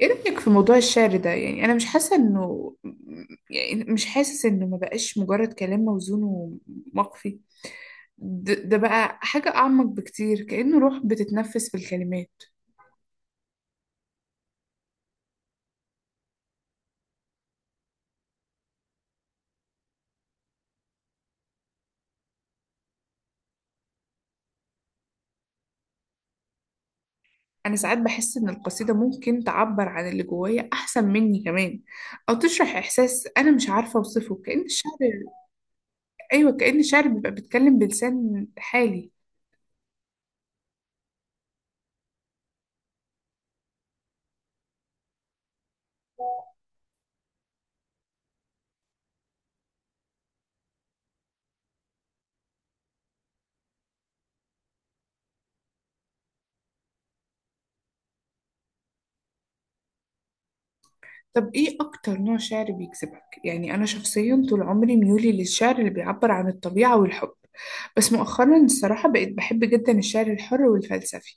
ايه رأيك في موضوع الشعر ده؟ يعني انا مش حاسة انه، يعني مش حاسس انه ما بقاش مجرد كلام موزون ومقفي. ده بقى حاجة اعمق بكتير، كأنه روح بتتنفس في الكلمات. انا ساعات بحس ان القصيدة ممكن تعبر عن اللي جوايا احسن مني كمان، او تشرح احساس انا مش عارفة اوصفه، كأن الشعر. ايوه، كأن الشعر بيبقى بيتكلم بلسان حالي. طب ايه اكتر نوع شعر بيجذبك؟ يعني انا شخصيا طول عمري ميولي للشعر اللي بيعبر عن الطبيعة والحب، بس مؤخرا الصراحة بقيت بحب جدا الشعر الحر والفلسفي.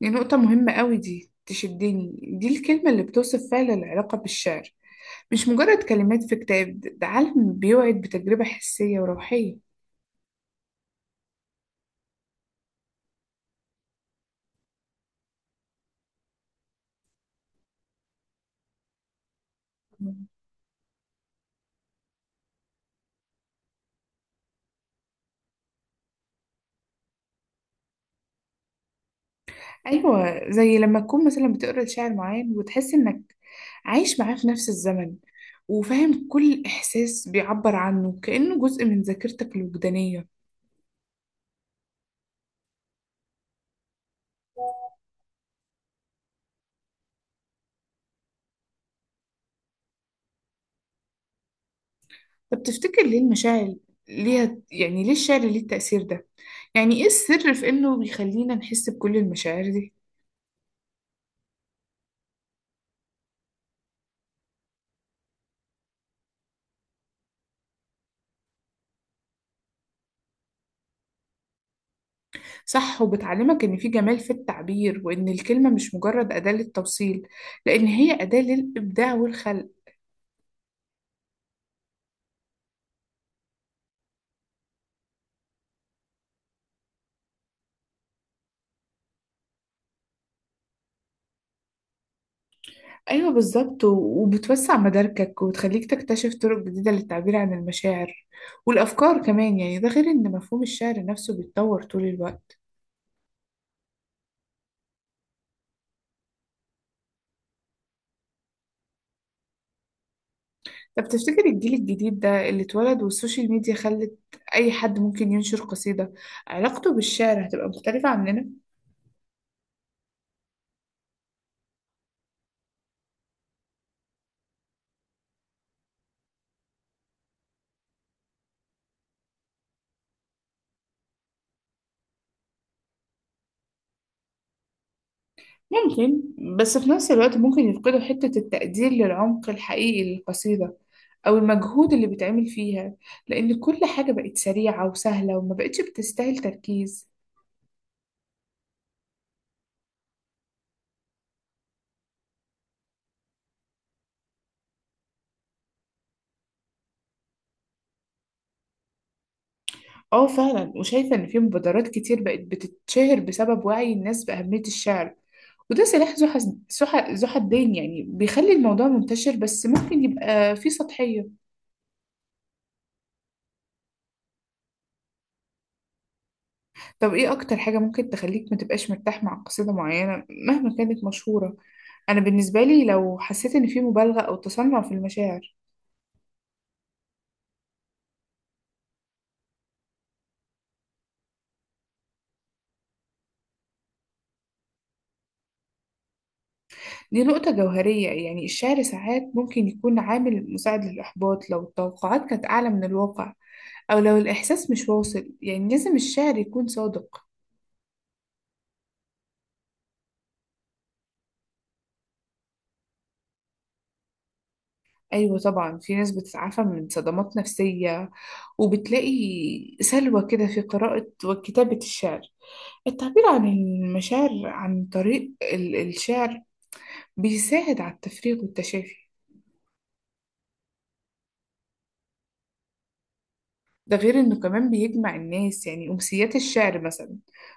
دي نقطة مهمة قوي، دي تشدني، دي الكلمة اللي بتوصف فعلا العلاقة بالشعر. مش مجرد كلمات في كتاب، ده عالم بيوعد بتجربة حسية وروحية. أيوة، زي لما تكون مثلا بتقرأ شعر معين وتحس إنك عايش معاه في نفس الزمن، وفاهم كل إحساس بيعبر عنه، كأنه جزء من ذاكرتك الوجدانية. طب تفتكر ليه المشاعر ليها، يعني ليه الشعر ليه التأثير ده؟ يعني إيه السر في إنه بيخلينا نحس بكل المشاعر دي؟ صح، وبتعلمك إن في جمال في التعبير، وإن الكلمة مش مجرد أداة للتوصيل، لأن هي أداة للإبداع والخلق. أيوة بالظبط، وبتوسع مداركك وتخليك تكتشف طرق جديدة للتعبير عن المشاعر والأفكار كمان. يعني ده غير إن مفهوم الشعر نفسه بيتطور طول الوقت. طب تفتكر الجيل الجديد ده، اللي اتولد والسوشيال ميديا خلت أي حد ممكن ينشر قصيدة، علاقته بالشعر هتبقى مختلفة عننا؟ ممكن. بس في نفس الوقت ممكن يفقدوا حتة التقدير للعمق الحقيقي للقصيدة، أو المجهود اللي بيتعمل فيها، لأن كل حاجة بقت سريعة وسهلة وما بقتش بتستاهل تركيز. اه فعلا، وشايفة ان في مبادرات كتير بقت بتتشهر بسبب وعي الناس بأهمية الشعر، وده سلاح ذو ذو حدين. يعني بيخلي الموضوع منتشر بس ممكن يبقى فيه سطحية. طب ايه اكتر حاجة ممكن تخليك ما تبقاش مرتاح مع قصيدة معينة مهما كانت مشهورة؟ انا بالنسبة لي، لو حسيت ان في مبالغة او تصنع في المشاعر. دي نقطة جوهرية، يعني الشعر ساعات ممكن يكون عامل مساعد للإحباط لو التوقعات كانت أعلى من الواقع، أو لو الإحساس مش واصل. يعني لازم الشعر يكون صادق. أيوة طبعا، في ناس بتتعافى من صدمات نفسية وبتلاقي سلوى كده في قراءة وكتابة الشعر. التعبير عن المشاعر عن طريق الشعر بيساعد على التفريغ والتشافي. ده غير انه كمان بيجمع الناس، يعني امسيات الشعر مثلا،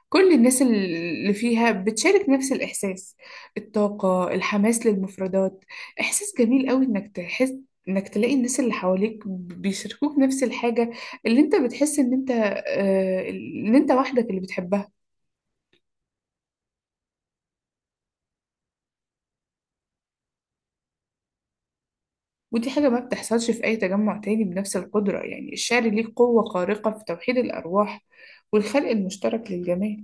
كل الناس اللي فيها بتشارك نفس الاحساس، الطاقة، الحماس للمفردات. احساس جميل قوي انك تحس، انك تلاقي الناس اللي حواليك بيشاركوك نفس الحاجة اللي انت بتحس ان انت ان انت وحدك اللي بتحبها. ودي حاجة ما بتحصلش في اي تجمع تاني بنفس القدرة. يعني الشعر ليه قوة خارقة في توحيد الارواح والخلق المشترك للجمال.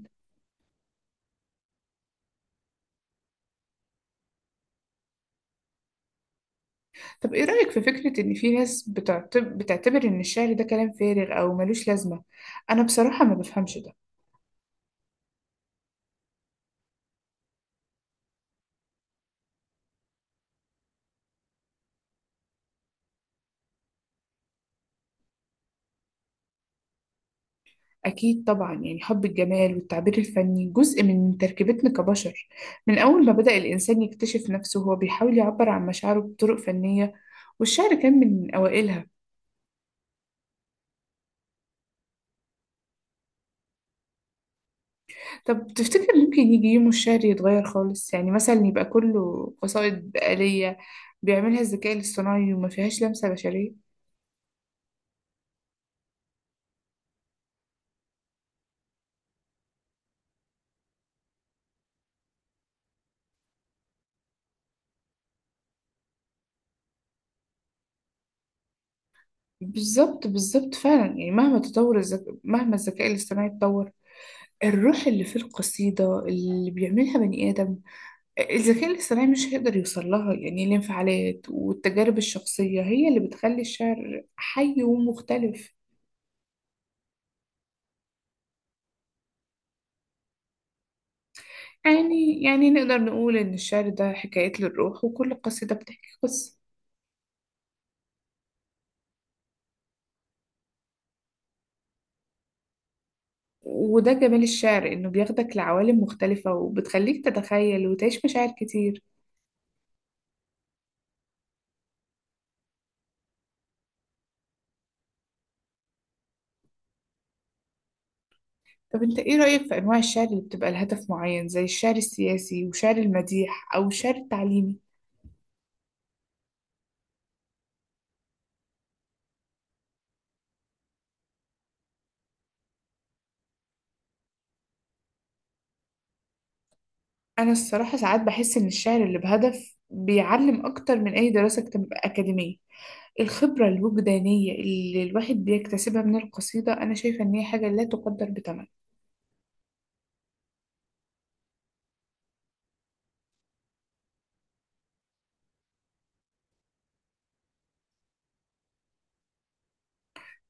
طب ايه رأيك في فكرة ان في ناس بتعتبر ان الشعر ده كلام فارغ او ملوش لازمة؟ انا بصراحة ما بفهمش ده. اكيد طبعا، يعني حب الجمال والتعبير الفني جزء من تركيبتنا كبشر. من اول ما بدأ الانسان يكتشف نفسه وهو بيحاول يعبر عن مشاعره بطرق فنية، والشعر كان من اوائلها. طب تفتكر ممكن يجي يوم الشعر يتغير خالص؟ يعني مثلا يبقى كله قصائد بقالية بيعملها الذكاء الاصطناعي وما فيهاش لمسة بشرية. بالظبط بالظبط فعلا، يعني مهما الذكاء الاصطناعي اتطور، الروح اللي في القصيدة اللي بيعملها بني آدم الذكاء الاصطناعي مش هيقدر يوصل لها. يعني الانفعالات والتجارب الشخصية هي اللي بتخلي الشعر حي ومختلف. يعني نقدر نقول إن الشعر ده حكايات للروح، وكل قصيدة بتحكي قصة. وده جمال الشعر، إنه بياخدك لعوالم مختلفة وبتخليك تتخيل وتعيش مشاعر كتير. طب انت ايه رأيك في انواع الشعر اللي بتبقى لهدف معين، زي الشعر السياسي وشعر المديح او الشعر التعليمي؟ انا الصراحة ساعات بحس ان الشعر اللي بهدف بيعلم اكتر من اي دراسة اكاديمية. الخبرة الوجدانية اللي الواحد بيكتسبها من القصيدة انا شايفة ان هي حاجة لا تقدر بثمن.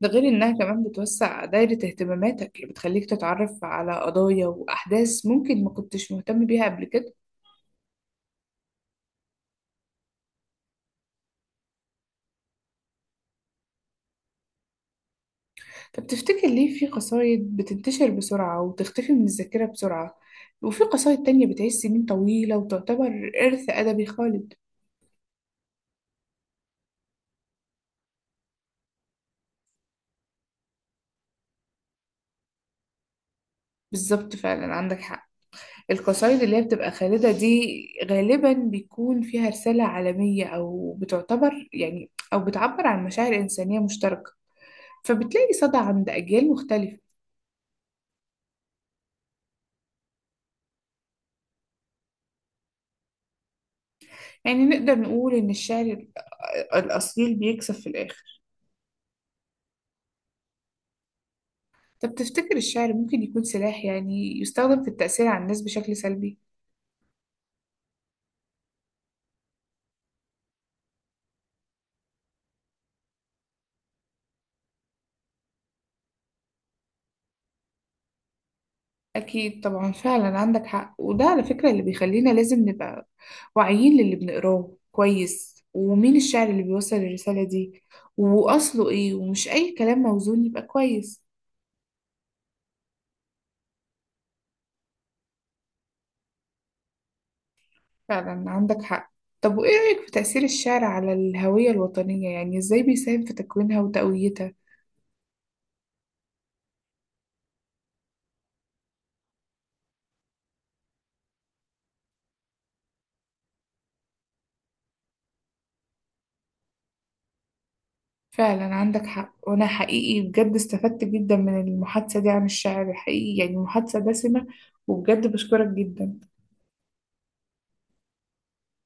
ده غير انها كمان بتوسع دايرة اهتماماتك، اللي بتخليك تتعرف على قضايا واحداث ممكن ما كنتش مهتم بيها قبل كده. طب تفتكر ليه في قصايد بتنتشر بسرعة وتختفي من الذاكرة بسرعة، وفي قصايد تانية بتعيش سنين طويلة وتعتبر إرث أدبي خالد؟ بالظبط، فعلا عندك حق. القصايد اللي هي بتبقى خالدة دي، غالبا بيكون فيها رسالة عالمية، أو بتعتبر يعني أو بتعبر عن مشاعر إنسانية مشتركة، فبتلاقي صدى عند أجيال مختلفة. يعني نقدر نقول إن الشعر الأصيل بيكسب في الآخر. طب تفتكر الشعر ممكن يكون سلاح يعني يستخدم في التأثير على الناس بشكل سلبي؟ أكيد طبعا، فعلا عندك حق. وده على فكرة اللي بيخلينا لازم نبقى واعيين للي بنقراه كويس، ومين الشاعر اللي بيوصل الرسالة دي وأصله إيه، ومش أي كلام موزون يبقى كويس. فعلا عندك حق. طب وإيه رأيك في تأثير الشعر على الهوية الوطنية؟ يعني إزاي بيساهم في تكوينها وتقويتها؟ فعلا عندك حق. وأنا حقيقي بجد استفدت جدا من المحادثة دي عن الشعر. حقيقي يعني المحادثة دسمة، وبجد بشكرك جدا.